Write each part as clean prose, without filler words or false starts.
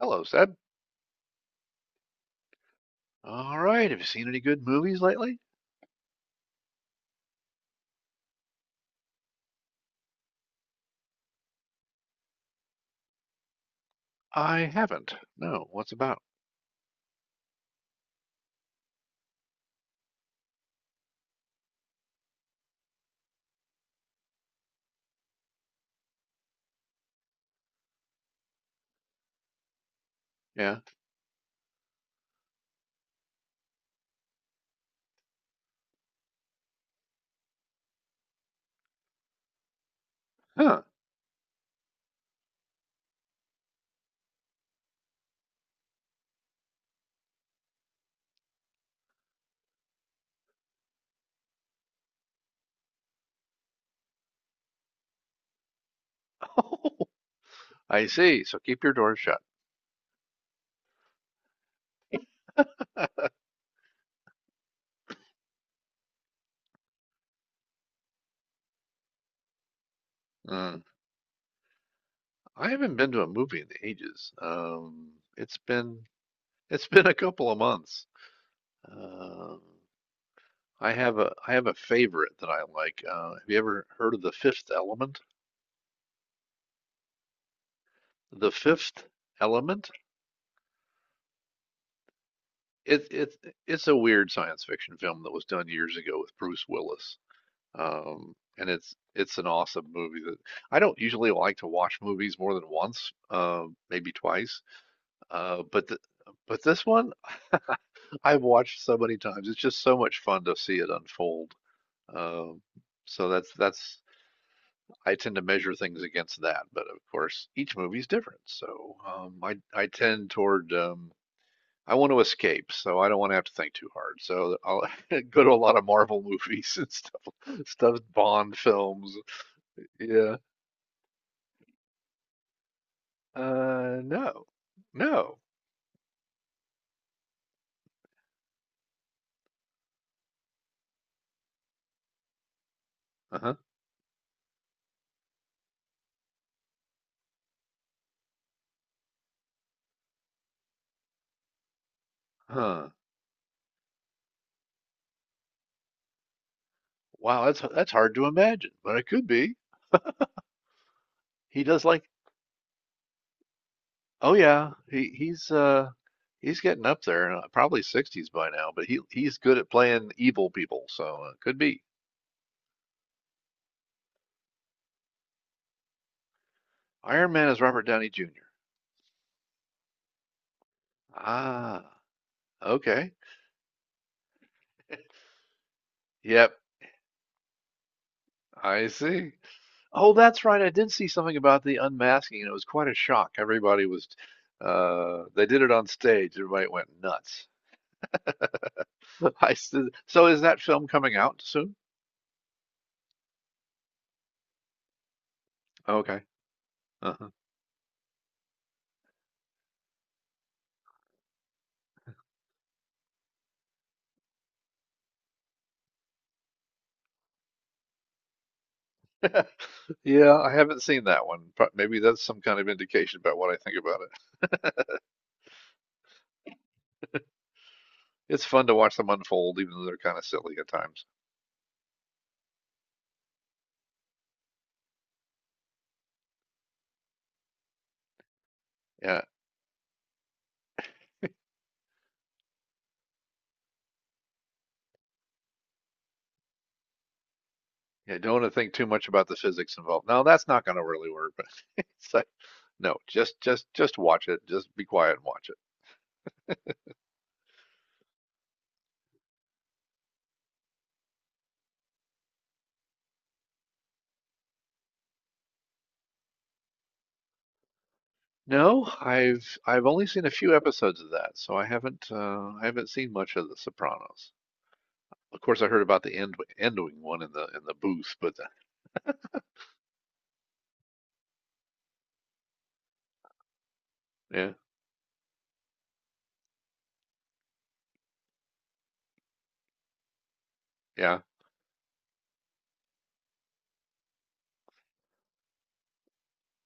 Hello, Seb. All right. Have you seen any good movies lately? I haven't. No. What's about? Yeah. Huh. Oh, I see. So keep your doors shut. Mm. I haven't been to a movie in ages. It's been it's been a couple of months. Um, I have a favorite that I like. Have you ever heard of The Fifth Element? The Fifth Element? It, it, it's a weird science fiction film that was done years ago with Bruce Willis. And it's an awesome movie that I don't usually like to watch movies more than once, maybe twice. Uh, but th but this one I've watched so many times. It's just so much fun to see it unfold. Um, so that's I tend to measure things against that. But of course, each movie's different. So I tend toward I want to escape, so I don't want to have to think too hard. So I'll go to a lot of Marvel movies and stuff, stuff Bond films. Yeah. No. No. Uh-huh. Huh. Wow, that's hard to imagine, but it could be. He does like, oh yeah, he's getting up there, probably 60s by now, but he's good at playing evil people, so could be. Iron Man is Robert Downey Jr. Ah, okay. Yep, I see. Oh, that's right. I did see something about the unmasking, and it was quite a shock. Everybody was, they did it on stage. Everybody went nuts. I s- so is that film coming out soon? Okay. Uh-huh. Yeah, I haven't seen that one. Maybe that's some kind of indication about what I think about it. It's fun to watch them unfold, even though they're kind of silly at times. Yeah, yeah. Don't want to think too much about the physics involved. No, that's not going to really work. But it's like, no, just just watch it. Just be quiet and watch it. No, I've only seen a few episodes of that, so I haven't seen much of The Sopranos. Of course, I heard about the ending one in the booth, but yeah, yeah.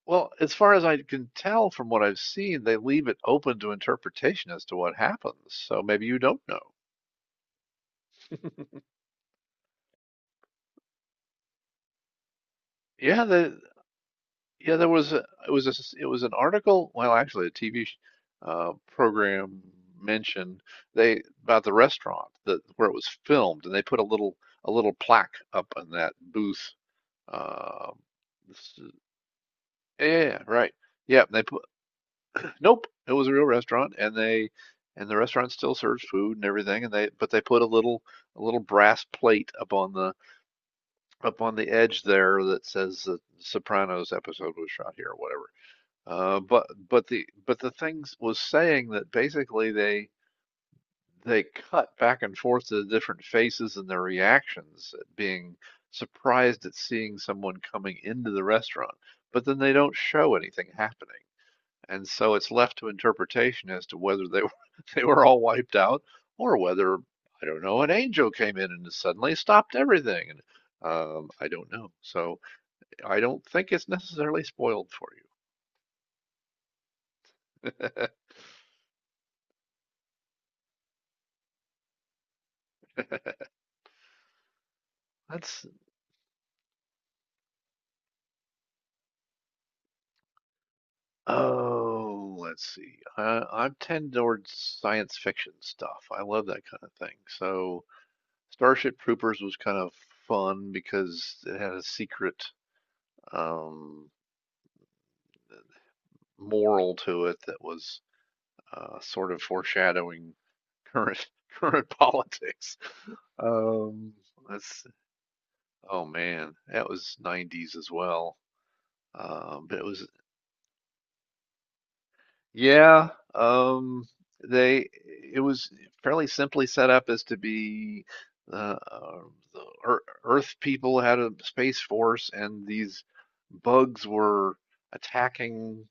Well, as far as I can tell from what I've seen, they leave it open to interpretation as to what happens. So maybe you don't know. yeah, the yeah, it was it was an article, well, actually a program mentioned they about the restaurant that where it was filmed, and they put a little plaque up in that booth. Um, this is- yeah, right. Yeah, they put Nope, it was a real restaurant, and the restaurant still serves food and everything, and they put a little brass plate up on the edge there that says the Sopranos episode was shot here or whatever. But the things was saying that basically they cut back and forth to the different faces and their reactions at being surprised at seeing someone coming into the restaurant, but then they don't show anything happening. And so it's left to interpretation as to whether they were, they were all wiped out or whether, I don't know, an angel came in and suddenly stopped everything. And I don't know. So I don't think it's necessarily spoiled for you. Let's, oh, let's see. I'm tend towards science fiction stuff. I love that kind of thing. So Starship Troopers was kind of fun because it had a secret um, moral to it that was sort of foreshadowing current current politics. Um, that's oh man, that was '90s as well. But it was yeah. Um, they It was fairly simply set up as to be uh, uh, the Earth people had a space force, and these bugs were attacking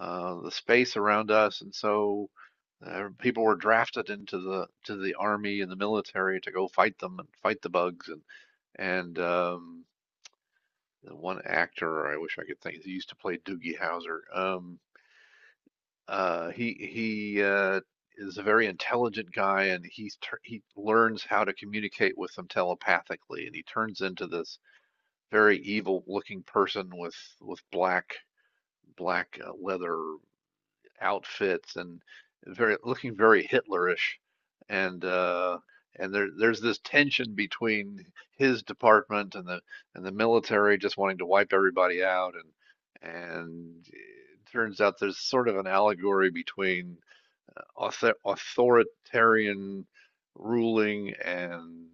the space around us, and so people were drafted into the to the army and the military to go fight them and fight the bugs and and um, one actor I wish I could think he used to play Doogie Howser. He is a very intelligent guy and he learns how to communicate with them telepathically and he turns into this very evil looking person with black leather outfits and very looking very Hitlerish. And uh, and there there's this tension between his department and the military just wanting to wipe everybody out. And It turns out there's sort of an allegory between authoritarian ruling and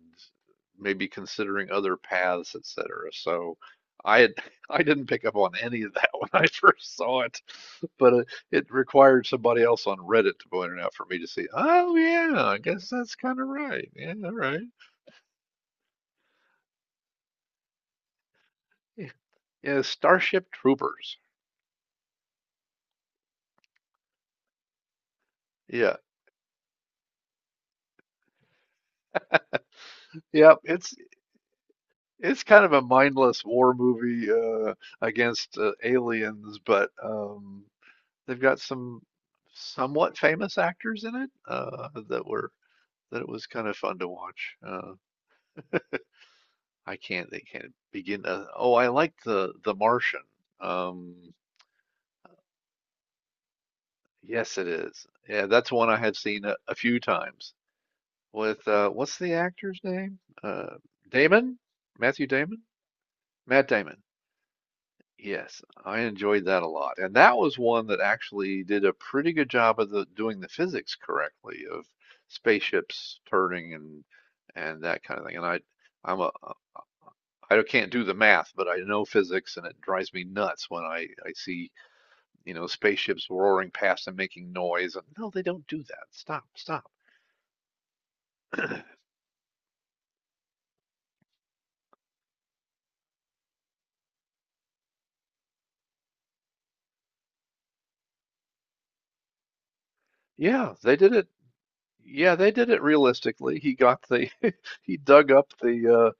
maybe considering other paths, etc. So I had, I didn't pick up on any of that when I first saw it, but it, it required somebody else on Reddit to point it out for me to see. Oh yeah, I guess that's kind of right. Yeah, all right. Yeah, yeah, Starship Troopers. Yeah, yeah. It's kind of a mindless war movie against aliens, but they've got some somewhat famous actors in it that it was kind of fun to watch. I can't they can't begin to, oh, I like The Martian. Um, yes, it is. Yeah, that's one I have seen a few times with what's the actor's name? Damon? Matthew Damon? Matt Damon. Yes, I enjoyed that a lot. And that was one that actually did a pretty good job of the doing the physics correctly of spaceships turning and that kind of thing. And I I'm a I can't do the math, but I know physics and it drives me nuts when I see, you know, spaceships roaring past and making noise and no, they don't do that. Stop, stop. Yeah, they did it Yeah, they did it realistically. He got the he dug up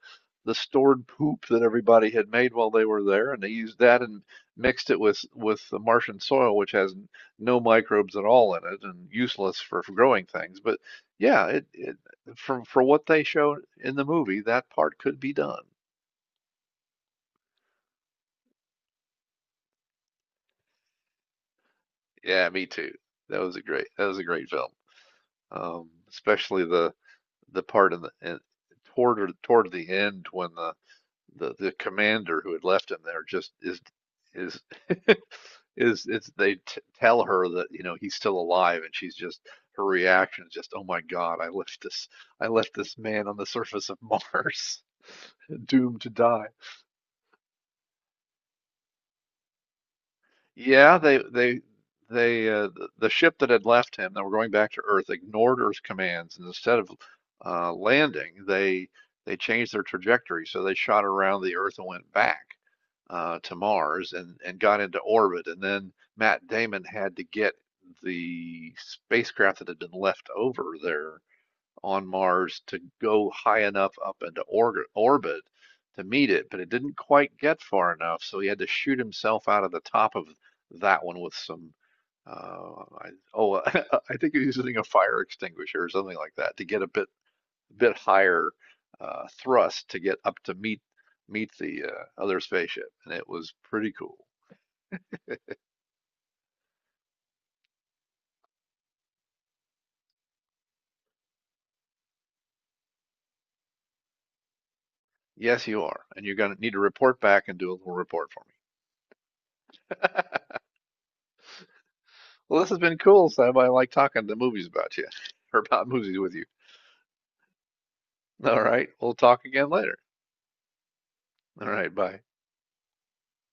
the stored poop that everybody had made while they were there, and they used that and mixed it with the Martian soil, which no microbes at all in it and useless for growing things. But yeah, it from for what they showed in the movie, that part could be done. Yeah, me too. That was a great film. Especially the part toward toward the end when the commander who had left him there just is is it's they tell her that you know he's still alive and she's just her reaction is just oh my god I left this man on the surface of Mars doomed to die. Yeah, they the ship that had left him that were going back to Earth ignored Earth's commands and instead of landing they changed their trajectory so they shot around the Earth and went back to Mars and got into orbit. And then Matt Damon had to get the spacecraft that had been left over there on Mars to go high enough up into orbit to meet it, but it didn't quite get far enough, so he had to shoot himself out of the top of that one with some. Uh, I, oh, I think he was using a fire extinguisher or something like that to get a bit higher thrust to get up to meet the other spaceship, and it was pretty cool. Yes, you are, and you're gonna need to report back and do a little report for me. Well, this has been cool, Sam. I like talking to movies about you or about movies with you. All right, we'll talk again later. All right, bye.